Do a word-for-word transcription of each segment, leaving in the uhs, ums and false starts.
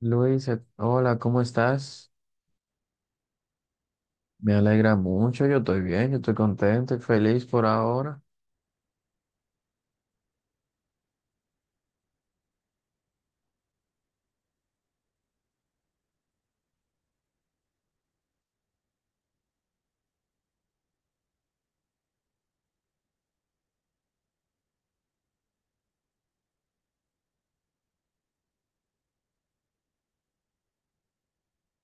Luisa, hola, ¿cómo estás? Me alegra mucho, yo estoy bien, yo estoy contento y feliz por ahora.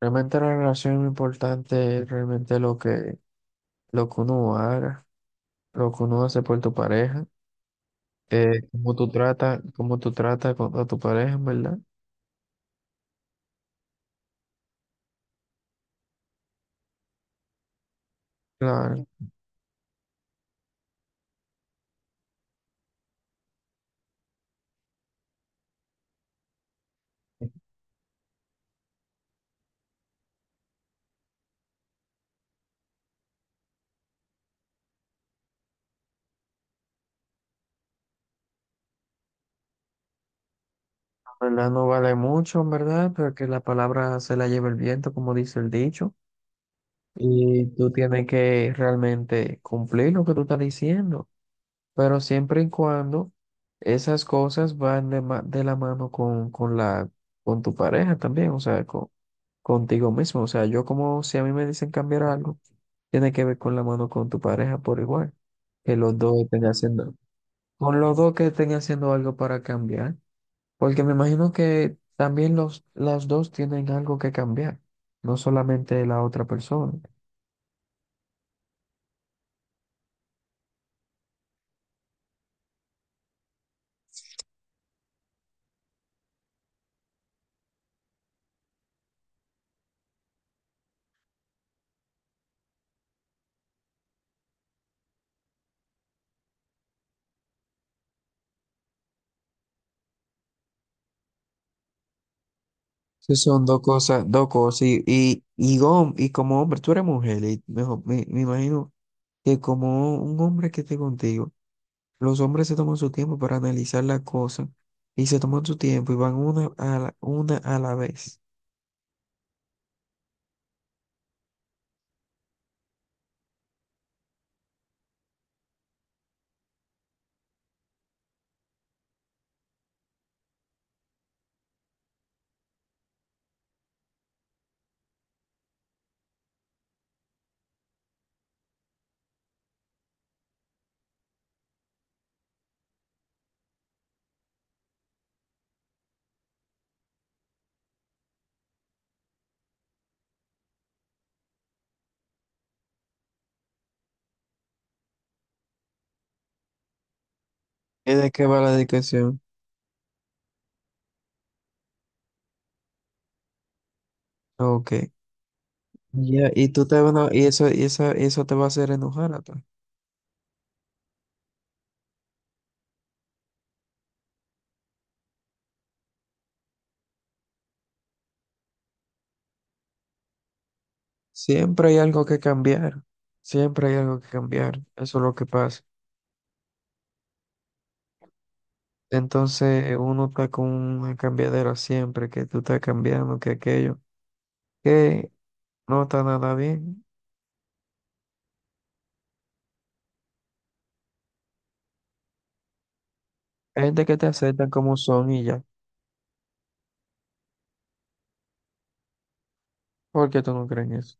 Realmente la relación es importante, es realmente lo que, lo que uno haga, lo que uno hace por tu pareja, eh, cómo tú tratas, cómo tú tratas con- a tu pareja, ¿en verdad? Claro, la verdad no vale mucho, ¿en verdad? Pero que la palabra se la lleva el viento, como dice el dicho, y tú tienes que realmente cumplir lo que tú estás diciendo, pero siempre y cuando esas cosas van de, ma- de la mano con, con la, con tu pareja también, o sea, con, contigo mismo. O sea, yo, como si a mí me dicen cambiar algo, tiene que ver con la mano con tu pareja por igual, que los dos estén haciendo, con los dos que estén haciendo algo para cambiar, porque me imagino que también los, las dos tienen algo que cambiar, no solamente la otra persona. Sí, son dos cosas, dos cosas. Y, y, y, hom- y como hombre, tú eres mujer, y mejor, me, me imagino que como un hombre que esté contigo, los hombres se toman su tiempo para analizar las cosas y se toman su tiempo y van una a la, una a la vez. ¿Y de qué va la dedicación? Ok. Ya, y tú te van a- y eso, y eso, eso te va a hacer enojar a ti. Siempre hay algo que cambiar. Siempre hay algo que cambiar. Eso es lo que pasa. Entonces uno está con un cambiadero siempre, que tú estás cambiando, que aquello, que no está nada bien. Hay gente que te aceptan como son y ya. ¿Por qué tú no crees en eso?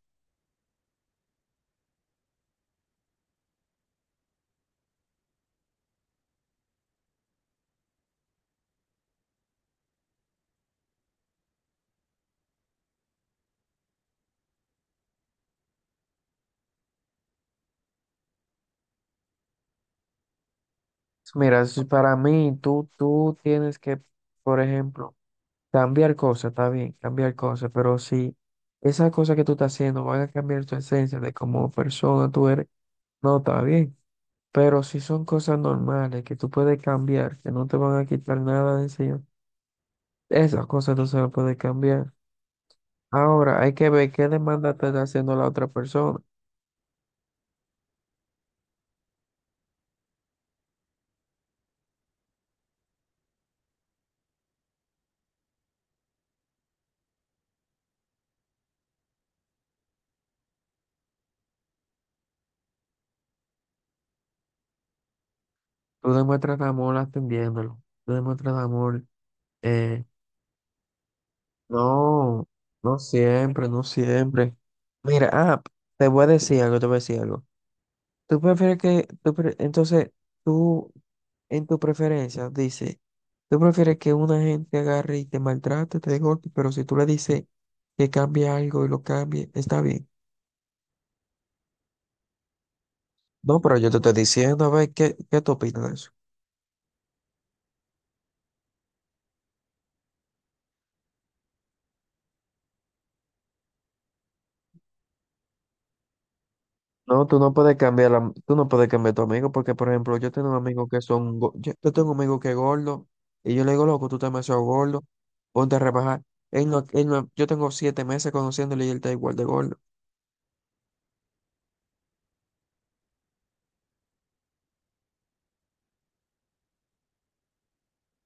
Mira, si para mí tú, tú tienes que, por ejemplo, cambiar cosas, está bien, cambiar cosas, pero si esas cosas que tú estás haciendo van a cambiar tu esencia de como persona tú eres, no está bien. Pero si son cosas normales que tú puedes cambiar, que no te van a quitar nada de encima, esas cosas tú se las puedes cambiar. Ahora hay que ver qué demanda te está haciendo la otra persona. Tú demuestras amor atendiéndolo. Tú demuestras amor. eh, no, no siempre, no siempre. Mira, ah, te voy a decir algo, te voy a decir algo. Tú prefieres que, tú pre- Entonces, tú en tu preferencia dice, tú prefieres que una gente agarre y te maltrate, te dé golpe, pero si tú le dices que cambie algo y lo cambie, está bien. No, pero yo te estoy diciendo, a ver, ¿qué, ¿qué tú opinas de eso? No, tú no puedes cambiar la- tú no puedes cambiar a tu amigo porque, por ejemplo, yo tengo amigos que son, go- yo, yo tengo un amigo que es gordo y yo le digo, loco, tú estás demasiado gordo, ponte a rebajar. Él no, él no- Yo tengo siete meses conociéndole y él está igual de gordo.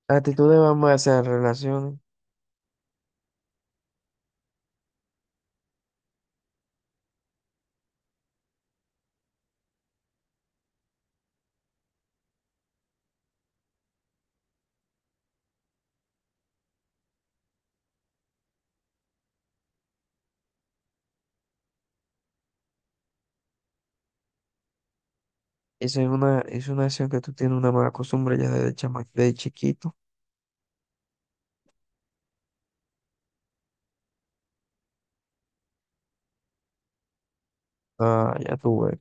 Actitudes van más a relaciones. Eso es una, es una acción que tú tienes una mala costumbre ya desde chama, de chiquito. Ah, ya tú ves.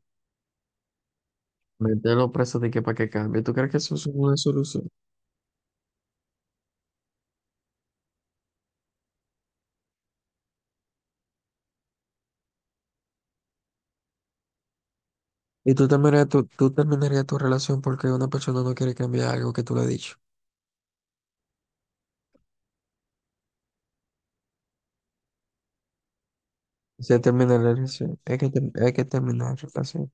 Meterlo preso de que para que cambie. ¿Tú crees que eso es una solución? Y tú terminarías tu, tú terminarías tu relación porque una persona no quiere cambiar algo que tú le has dicho. Se termina la relación. Hay que, ter- hay que terminar la relación.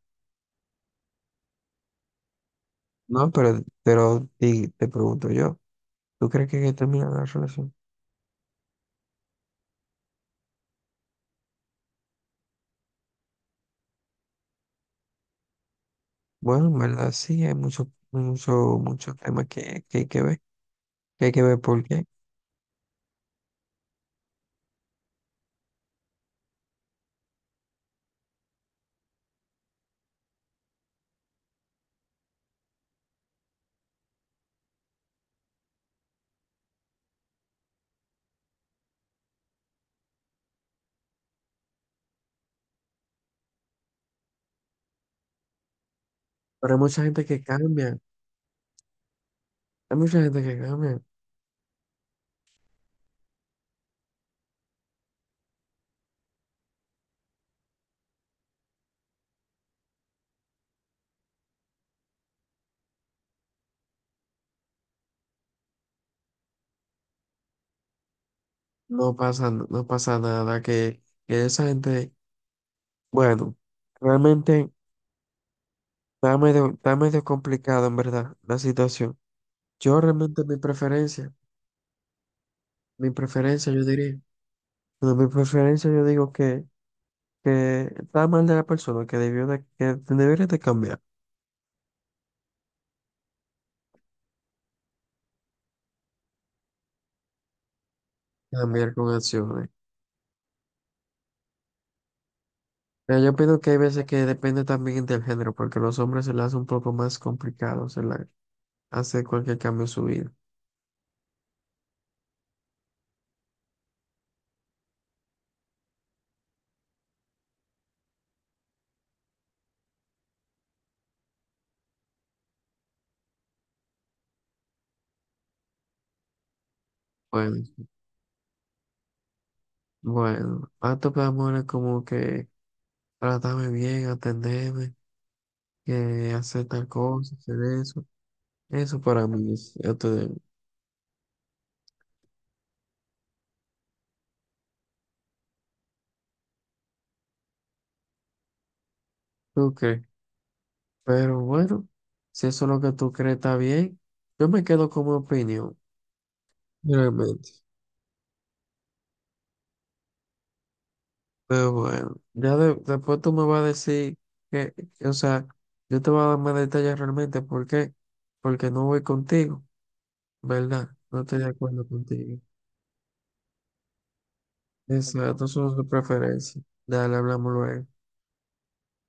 No, pero, pero di- te pregunto yo, ¿tú crees que hay que terminar la relación? Bueno, en verdad sí, hay muchos mucho, muchos temas que, que hay que ver, que hay que ver por qué. Pero hay mucha gente que cambia, hay mucha gente que cambia. No pasa, n- no pasa nada, que, que esa gente, bueno, realmente está medio, está medio complicado en verdad la situación. Yo realmente mi preferencia, mi preferencia yo diría, no, mi preferencia yo digo que... que está mal de la persona, que debió de, que debería de cambiar, cambiar con acciones. Pero yo opino que hay veces que depende también del género, porque los hombres se les hace un poco más complicado se la- hacer cualquier cambio en su vida. Bueno, bueno, acto de amor es como que tratarme bien, atenderme, que hacer tal cosa, hacer eso. Eso para mí es acto de amor. ¿Tú crees? Pero bueno, si eso es lo que tú crees está bien, yo me quedo con mi opinión, realmente. Pero bueno, ya de- después tú me vas a decir que, o sea, yo te voy a dar más detalles realmente. ¿Por qué? Porque no voy contigo, ¿verdad? No estoy de acuerdo contigo. Exacto, son sus preferencias. Dale, hablamos luego.